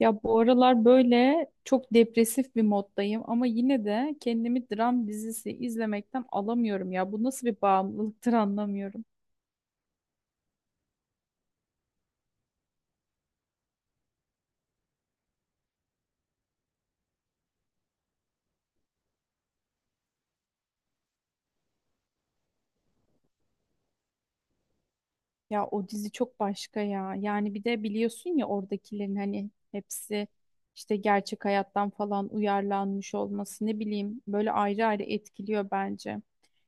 Ya bu aralar böyle çok depresif bir moddayım ama yine de kendimi dram dizisi izlemekten alamıyorum ya. Bu nasıl bir bağımlılıktır anlamıyorum. Ya o dizi çok başka ya. Yani bir de biliyorsun ya oradakilerin hani hepsi işte gerçek hayattan falan uyarlanmış olması ne bileyim böyle ayrı ayrı etkiliyor bence.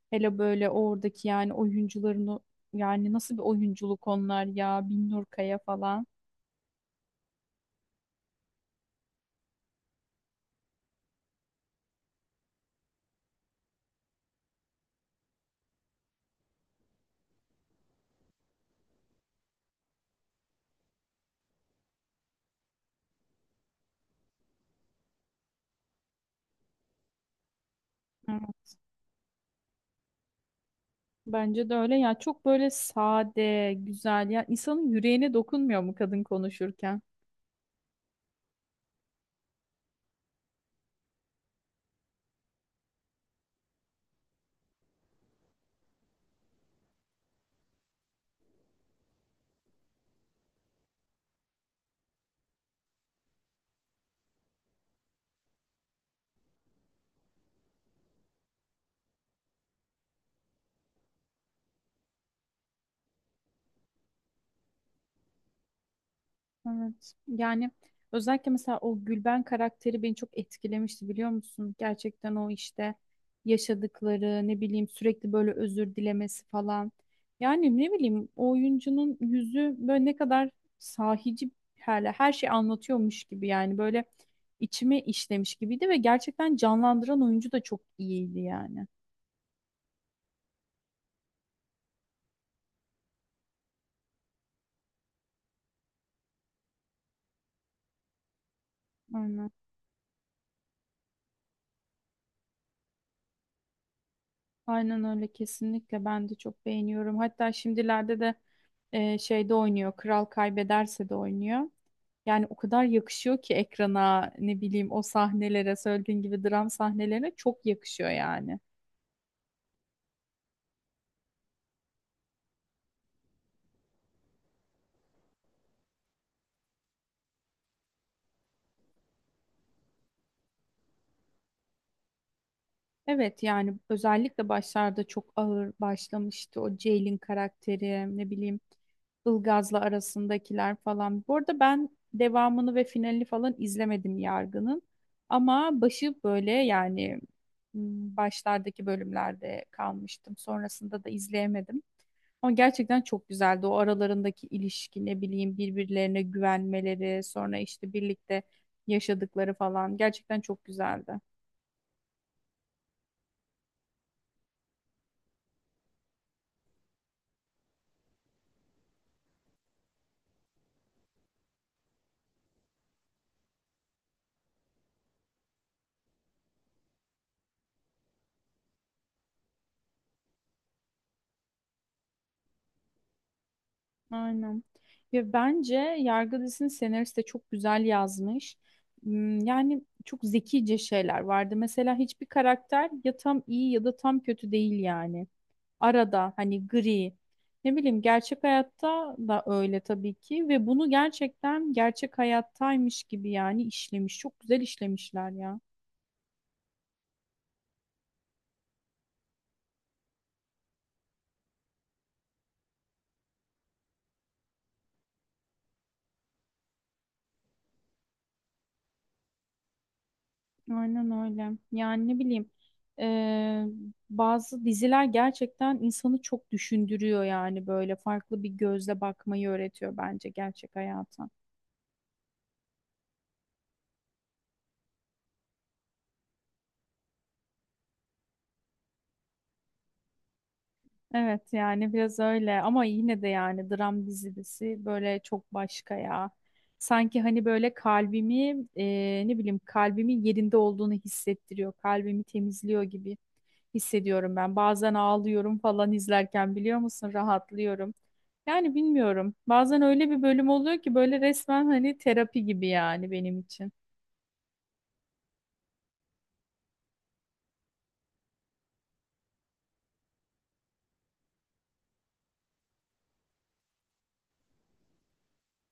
Hele böyle oradaki yani oyuncuların yani nasıl bir oyunculuk onlar ya Binnur Kaya falan. Bence de öyle ya çok böyle sade, güzel ya insanın yüreğine dokunmuyor mu kadın konuşurken? Evet. Yani özellikle mesela o Gülben karakteri beni çok etkilemişti biliyor musun? Gerçekten o işte yaşadıkları ne bileyim sürekli böyle özür dilemesi falan. Yani ne bileyim o oyuncunun yüzü böyle ne kadar sahici her şey anlatıyormuş gibi yani böyle içime işlemiş gibiydi ve gerçekten canlandıran oyuncu da çok iyiydi yani. Aynen. Aynen öyle kesinlikle ben de çok beğeniyorum. Hatta şimdilerde de şeyde oynuyor. Kral kaybederse de oynuyor. Yani o kadar yakışıyor ki ekrana ne bileyim o sahnelere söylediğin gibi dram sahnelerine çok yakışıyor yani. Evet yani özellikle başlarda çok ağır başlamıştı o Jail'in karakteri ne bileyim Ilgaz'la arasındakiler falan. Bu arada ben devamını ve finalini falan izlemedim Yargı'nın ama başı böyle yani m, başlardaki bölümlerde kalmıştım. Sonrasında da izleyemedim. Ama gerçekten çok güzeldi. O aralarındaki ilişki ne bileyim birbirlerine güvenmeleri sonra işte birlikte yaşadıkları falan gerçekten çok güzeldi. Aynen. Ve bence Yargı dizisini senarist de çok güzel yazmış. Yani çok zekice şeyler vardı. Mesela hiçbir karakter ya tam iyi ya da tam kötü değil yani. Arada hani gri. Ne bileyim gerçek hayatta da öyle tabii ki ve bunu gerçekten gerçek hayattaymış gibi yani işlemiş. Çok güzel işlemişler ya. Aynen öyle. Yani ne bileyim eee, bazı diziler gerçekten insanı çok düşündürüyor yani böyle farklı bir gözle bakmayı öğretiyor bence gerçek hayata. Evet yani biraz öyle ama yine de yani dram dizisi böyle çok başka ya. Sanki hani böyle kalbimi ne bileyim kalbimin yerinde olduğunu hissettiriyor. Kalbimi temizliyor gibi hissediyorum ben. Bazen ağlıyorum falan izlerken biliyor musun rahatlıyorum. Yani bilmiyorum. Bazen öyle bir bölüm oluyor ki böyle resmen hani terapi gibi yani benim için.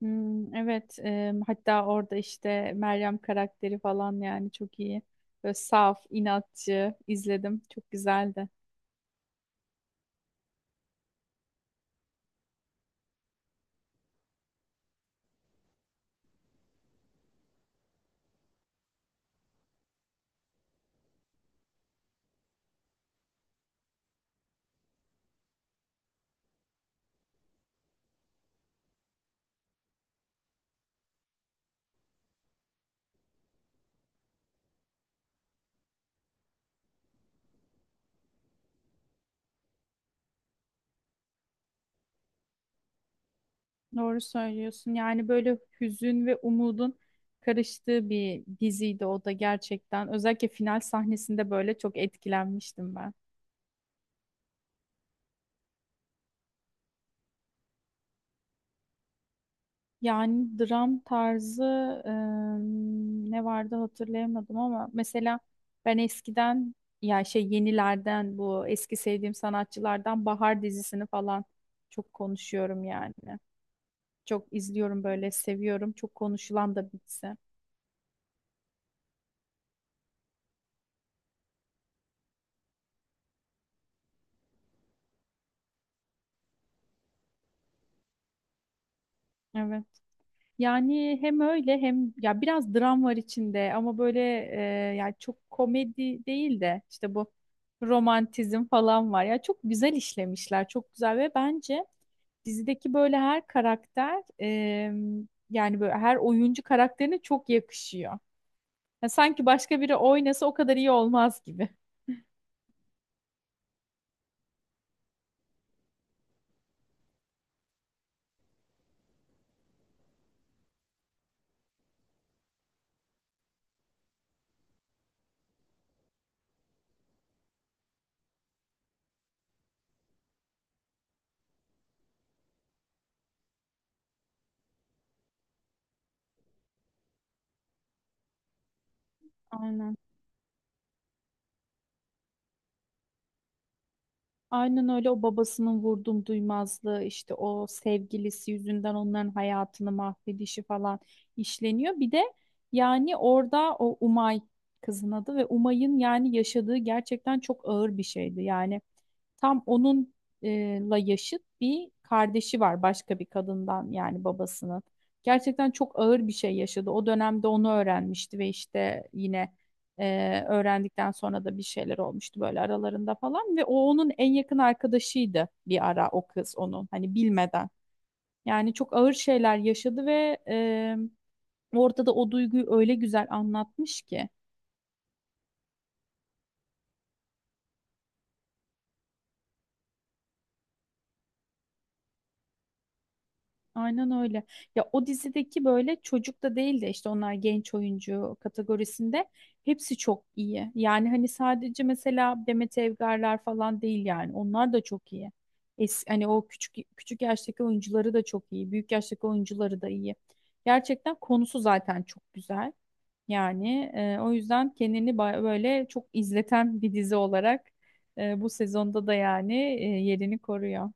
Hmm, evet, hatta orada işte Meryem karakteri falan yani çok iyi. Böyle saf, inatçı izledim. Çok güzeldi. Doğru söylüyorsun. Yani böyle hüzün ve umudun karıştığı bir diziydi o da gerçekten. Özellikle final sahnesinde böyle çok etkilenmiştim ben. Yani dram tarzı ne vardı hatırlayamadım ama mesela ben eskiden ya şey yenilerden bu eski sevdiğim sanatçılardan Bahar dizisini falan çok konuşuyorum yani. Çok izliyorum böyle seviyorum. Çok konuşulan da bir dizi. Evet. Yani hem öyle hem ya biraz dram var içinde ama böyle yani çok komedi değil de işte bu romantizm falan var. Ya çok güzel işlemişler, çok güzel ve bence dizideki böyle her karakter yani böyle her oyuncu karakterine çok yakışıyor. Ya sanki başka biri oynasa o kadar iyi olmaz gibi. Aynen. Aynen öyle o babasının vurdum duymazlığı işte o sevgilisi yüzünden onların hayatını mahvedişi falan işleniyor. Bir de yani orada o Umay kızın adı ve Umay'ın yani yaşadığı gerçekten çok ağır bir şeydi. Yani tam onun la yaşıt bir kardeşi var başka bir kadından yani babasının. Gerçekten çok ağır bir şey yaşadı. O dönemde onu öğrenmişti ve işte yine öğrendikten sonra da bir şeyler olmuştu böyle aralarında falan ve o onun en yakın arkadaşıydı bir ara o kız onun hani bilmeden. Yani çok ağır şeyler yaşadı ve orada da o duyguyu öyle güzel anlatmış ki. Aynen öyle. Ya o dizideki böyle çocuk da değil de işte onlar genç oyuncu kategorisinde hepsi çok iyi. Yani hani sadece mesela Demet Evgarlar falan değil yani. Onlar da çok iyi. Hani o küçük küçük yaştaki oyuncuları da çok iyi. Büyük yaştaki oyuncuları da iyi. Gerçekten konusu zaten çok güzel. Yani o yüzden kendini böyle çok izleten bir dizi olarak bu sezonda da yani yerini koruyor.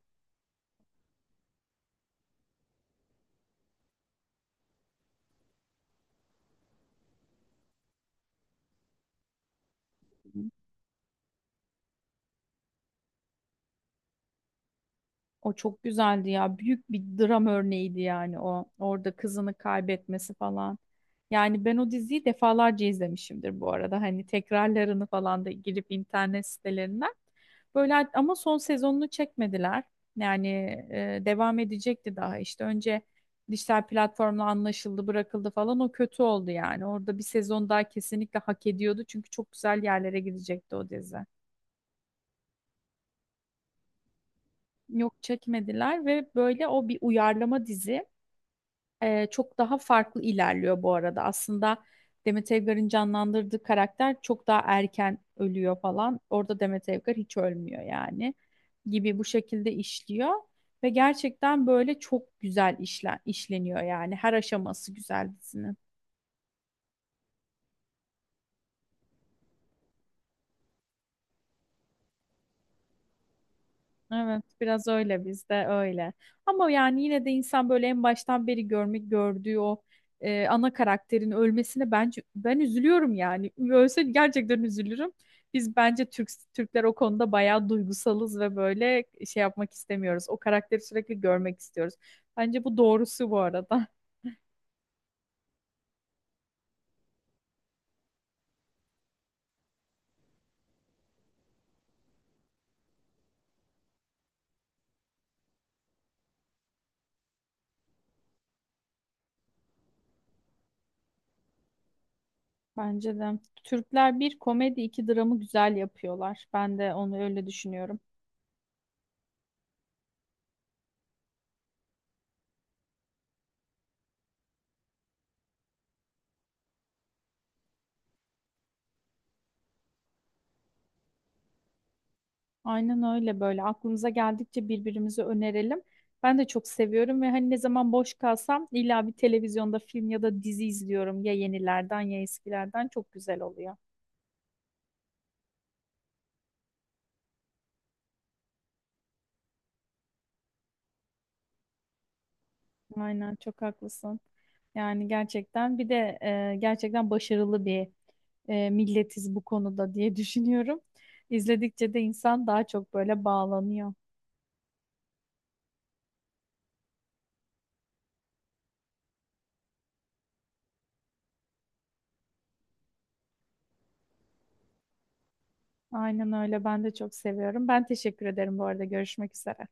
O çok güzeldi ya. Büyük bir dram örneğiydi yani o. Orada kızını kaybetmesi falan. Yani ben o diziyi defalarca izlemişimdir bu arada. Hani tekrarlarını falan da girip internet sitelerinden. Böyle ama son sezonunu çekmediler. Yani devam edecekti daha. İşte önce dijital platformla anlaşıldı, bırakıldı falan. O kötü oldu yani. Orada bir sezon daha kesinlikle hak ediyordu. Çünkü çok güzel yerlere gidecekti o dizi. Yok çekmediler ve böyle o bir uyarlama dizi. Çok daha farklı ilerliyor bu arada. Aslında Demet Evgar'ın canlandırdığı karakter çok daha erken ölüyor falan. Orada Demet Evgar hiç ölmüyor yani gibi bu şekilde işliyor. Ve gerçekten böyle çok güzel işleniyor yani. Her aşaması güzel dizinin. Evet, biraz öyle bizde öyle. Ama yani yine de insan böyle en baştan beri gördüğü o ana karakterin ölmesine bence ben üzülüyorum yani. Ölse gerçekten üzülürüm. Biz bence Türkler o konuda bayağı duygusalız ve böyle şey yapmak istemiyoruz. O karakteri sürekli görmek istiyoruz. Bence bu doğrusu bu arada. Bence de. Türkler bir komedi iki dramı güzel yapıyorlar. Ben de onu öyle düşünüyorum. Aynen öyle böyle aklımıza geldikçe birbirimize önerelim. Ben de çok seviyorum ve hani ne zaman boş kalsam illa bir televizyonda film ya da dizi izliyorum. Ya yenilerden ya eskilerden çok güzel oluyor. Aynen çok haklısın. Yani gerçekten bir de gerçekten başarılı bir milletiz bu konuda diye düşünüyorum. İzledikçe de insan daha çok böyle bağlanıyor. Aynen öyle. Ben de çok seviyorum. Ben teşekkür ederim bu arada. Görüşmek üzere.